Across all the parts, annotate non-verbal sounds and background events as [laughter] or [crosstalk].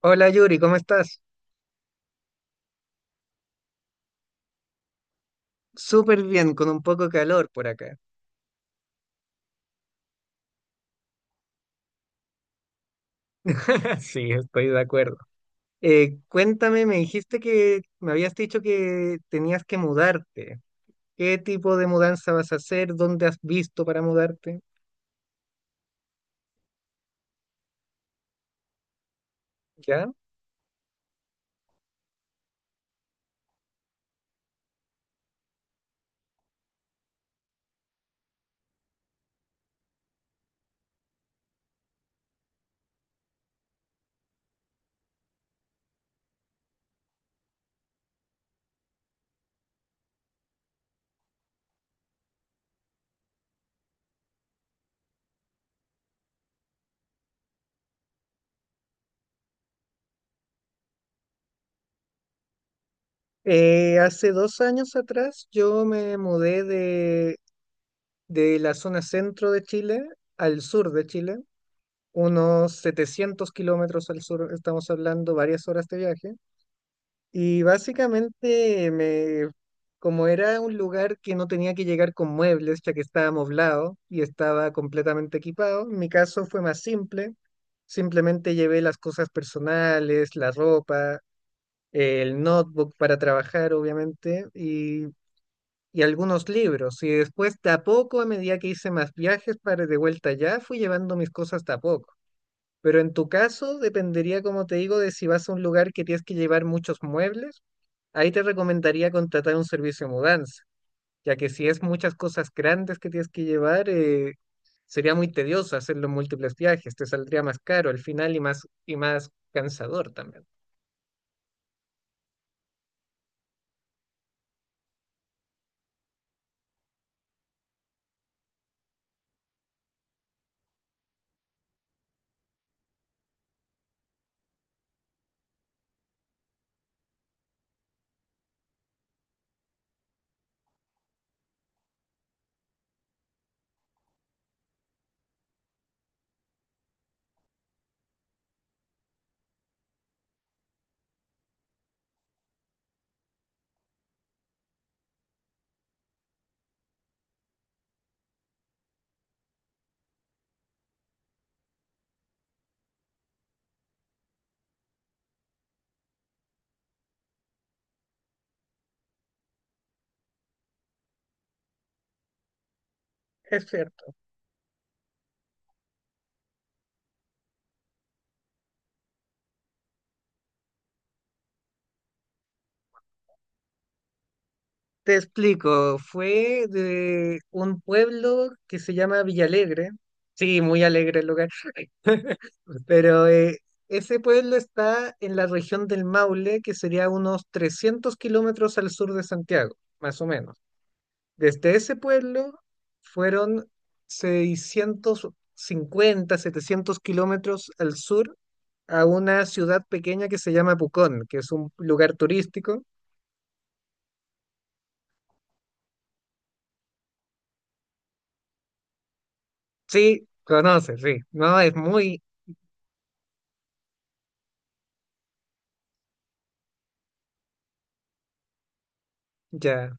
Hola Yuri, ¿cómo estás? Súper bien, con un poco de calor por acá. [laughs] Sí, estoy de acuerdo. Cuéntame, me habías dicho que tenías que mudarte. ¿Qué tipo de mudanza vas a hacer? ¿Dónde has visto para mudarte? ¿Ya? Hace 2 años atrás yo me mudé de la zona centro de Chile al sur de Chile, unos 700 kilómetros al sur, estamos hablando varias horas de viaje. Y básicamente me, Como era un lugar que no tenía que llegar con muebles, ya que estaba amoblado y estaba completamente equipado, mi caso fue más simple. Simplemente llevé las cosas personales, la ropa, el notebook para trabajar, obviamente, y algunos libros. Y después, de a poco, a medida que hice más viajes para de vuelta allá, fui llevando mis cosas de a poco. Pero en tu caso, dependería, como te digo, de si vas a un lugar que tienes que llevar muchos muebles. Ahí te recomendaría contratar un servicio de mudanza, ya que si es muchas cosas grandes que tienes que llevar, sería muy tedioso hacerlo en múltiples viajes, te saldría más caro al final y más cansador también. Es cierto. Te explico, fue de un pueblo que se llama Villalegre. Sí, muy alegre el lugar, [laughs] pero ese pueblo está en la región del Maule, que sería unos 300 kilómetros al sur de Santiago, más o menos. Desde ese pueblo fueron 650 700 kilómetros al sur a una ciudad pequeña que se llama Pucón, que es un lugar turístico. Sí, conoces, sí. No, es muy, ya.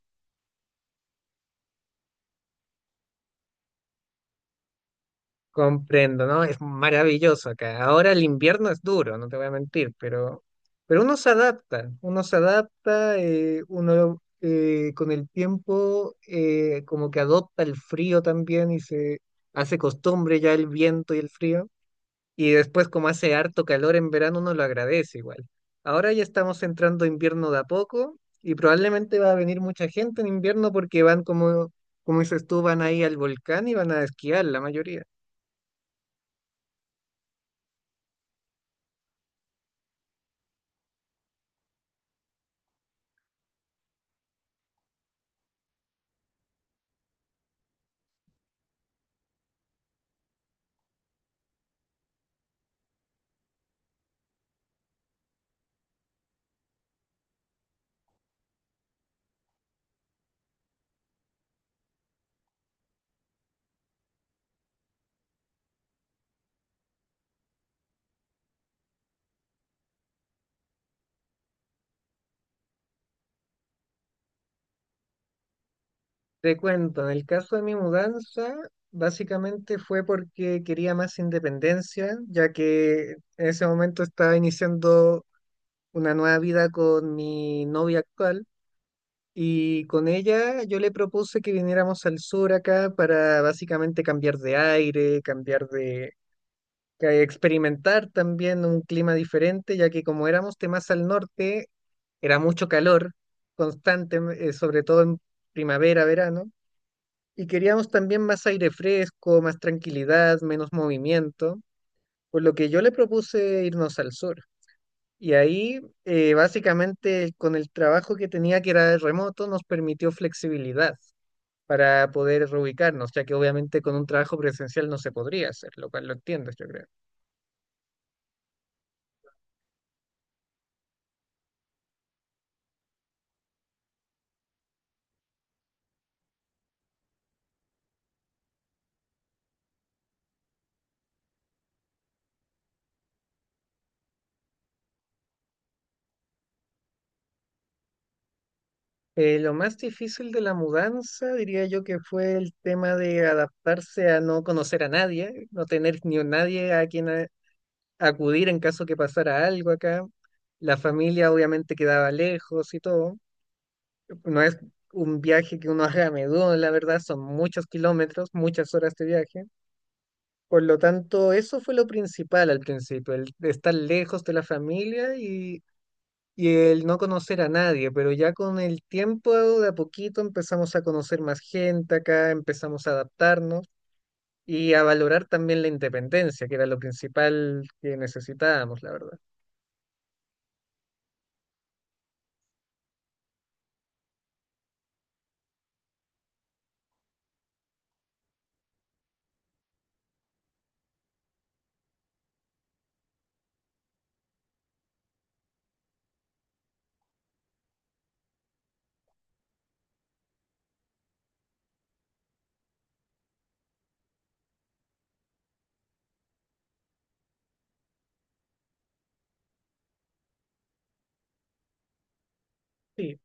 Comprendo, ¿no? Es maravilloso acá. Ahora el invierno es duro, no te voy a mentir, pero uno se adapta, uno se adapta, uno con el tiempo como que adopta el frío también y se hace costumbre ya el viento y el frío. Y después como hace harto calor en verano, uno lo agradece igual. Ahora ya estamos entrando a invierno de a poco y probablemente va a venir mucha gente en invierno porque van como dices tú, van ahí al volcán y van a esquiar la mayoría. Te cuento, en el caso de mi mudanza, básicamente fue porque quería más independencia, ya que en ese momento estaba iniciando una nueva vida con mi novia actual y con ella yo le propuse que viniéramos al sur acá para básicamente cambiar de aire, que experimentar también un clima diferente, ya que como éramos más al norte, era mucho calor constante, sobre todo en primavera, verano y queríamos también más aire fresco, más tranquilidad, menos movimiento, por lo que yo le propuse irnos al sur. Y ahí, básicamente, con el trabajo que tenía, que era remoto, nos permitió flexibilidad para poder reubicarnos, ya que obviamente con un trabajo presencial no se podría hacer, lo cual lo entiendes, yo creo. Lo más difícil de la mudanza, diría yo que fue el tema de adaptarse a no conocer a nadie, no tener ni a nadie a quien acudir en caso que pasara algo acá. La familia obviamente quedaba lejos y todo. No es un viaje que uno haga a menudo, la verdad, son muchos kilómetros, muchas horas de viaje. Por lo tanto, eso fue lo principal al principio, el estar lejos de la familia y el no conocer a nadie. Pero ya con el tiempo, de a poquito, empezamos a conocer más gente acá, empezamos a adaptarnos y a valorar también la independencia, que era lo principal que necesitábamos, la verdad. Sí.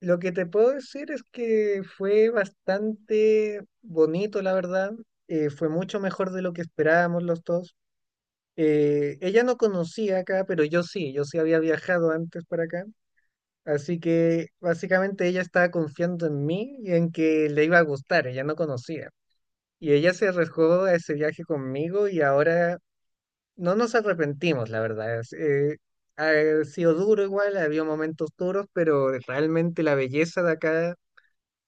Lo que te puedo decir es que fue bastante bonito, la verdad. Fue mucho mejor de lo que esperábamos los dos. Ella no conocía acá, pero yo sí, yo sí había viajado antes para acá. Así que básicamente ella estaba confiando en mí y en que le iba a gustar, ella no conocía. Y ella se arriesgó a ese viaje conmigo y ahora no nos arrepentimos, la verdad. Ha sido duro igual, había momentos duros, pero realmente la belleza de acá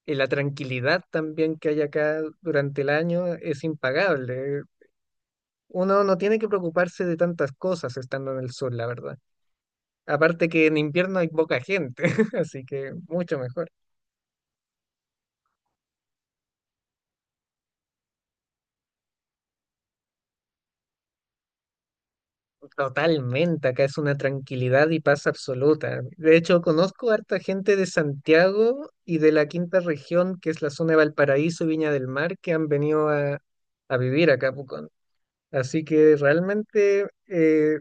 y la tranquilidad también que hay acá durante el año es impagable. Uno no tiene que preocuparse de tantas cosas estando en el sur, la verdad. Aparte que en invierno hay poca gente, [laughs] así que mucho mejor. Totalmente, acá es una tranquilidad y paz absoluta. De hecho, conozco harta gente de Santiago y de la quinta región, que es la zona de Valparaíso y Viña del Mar, que han venido a vivir acá a Pucón. Así que realmente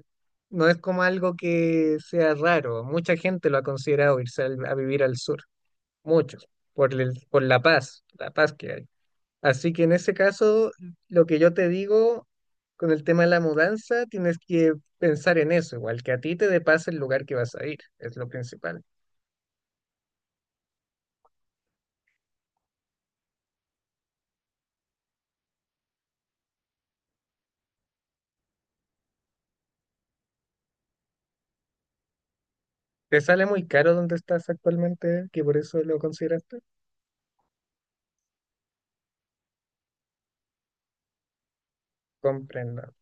no es como algo que sea raro. Mucha gente lo ha considerado irse a vivir al sur, muchos, por la paz que hay. Así que en ese caso, lo que yo te digo con el tema de la mudanza, tienes que pensar en eso, igual que a ti te dé paz el lugar que vas a ir, es lo principal. ¿Te sale muy caro donde estás actualmente, que por eso lo consideraste? Comprendo.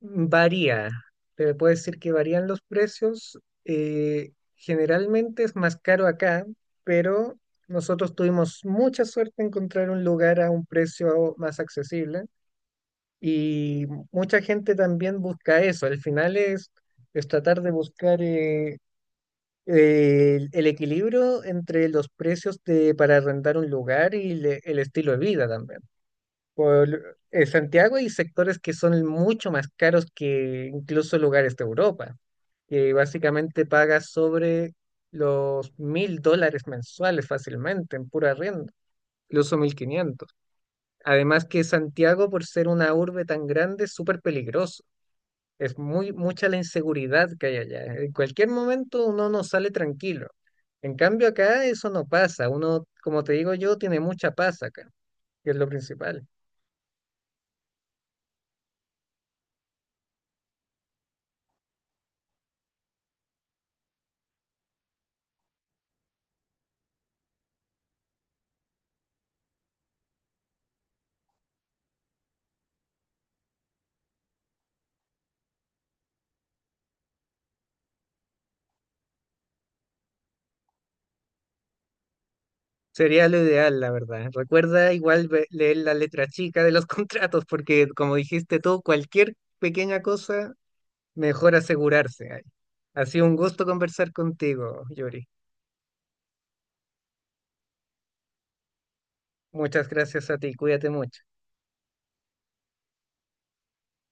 Varía, te puedo decir que varían los precios. Generalmente es más caro acá, pero nosotros tuvimos mucha suerte en encontrar un lugar a un precio más accesible y mucha gente también busca eso. Al final es tratar de buscar el equilibrio entre los precios para arrendar un lugar y el estilo de vida también por Santiago hay sectores que son mucho más caros que incluso lugares de Europa, que básicamente pagas sobre los 1.000 dólares mensuales fácilmente en pura renta, incluso 1.500. Además que Santiago, por ser una urbe tan grande, es súper peligroso. Es muy mucha la inseguridad que hay allá. En cualquier momento uno no sale tranquilo. En cambio acá eso no pasa. Uno, como te digo yo, tiene mucha paz acá, que es lo principal. Sería lo ideal, la verdad. Recuerda igual leer la letra chica de los [laughs] contratos, porque como dijiste tú, cualquier pequeña cosa, mejor asegurarse ahí. Ha sido un gusto conversar contigo, Yuri. Muchas gracias a ti, cuídate mucho.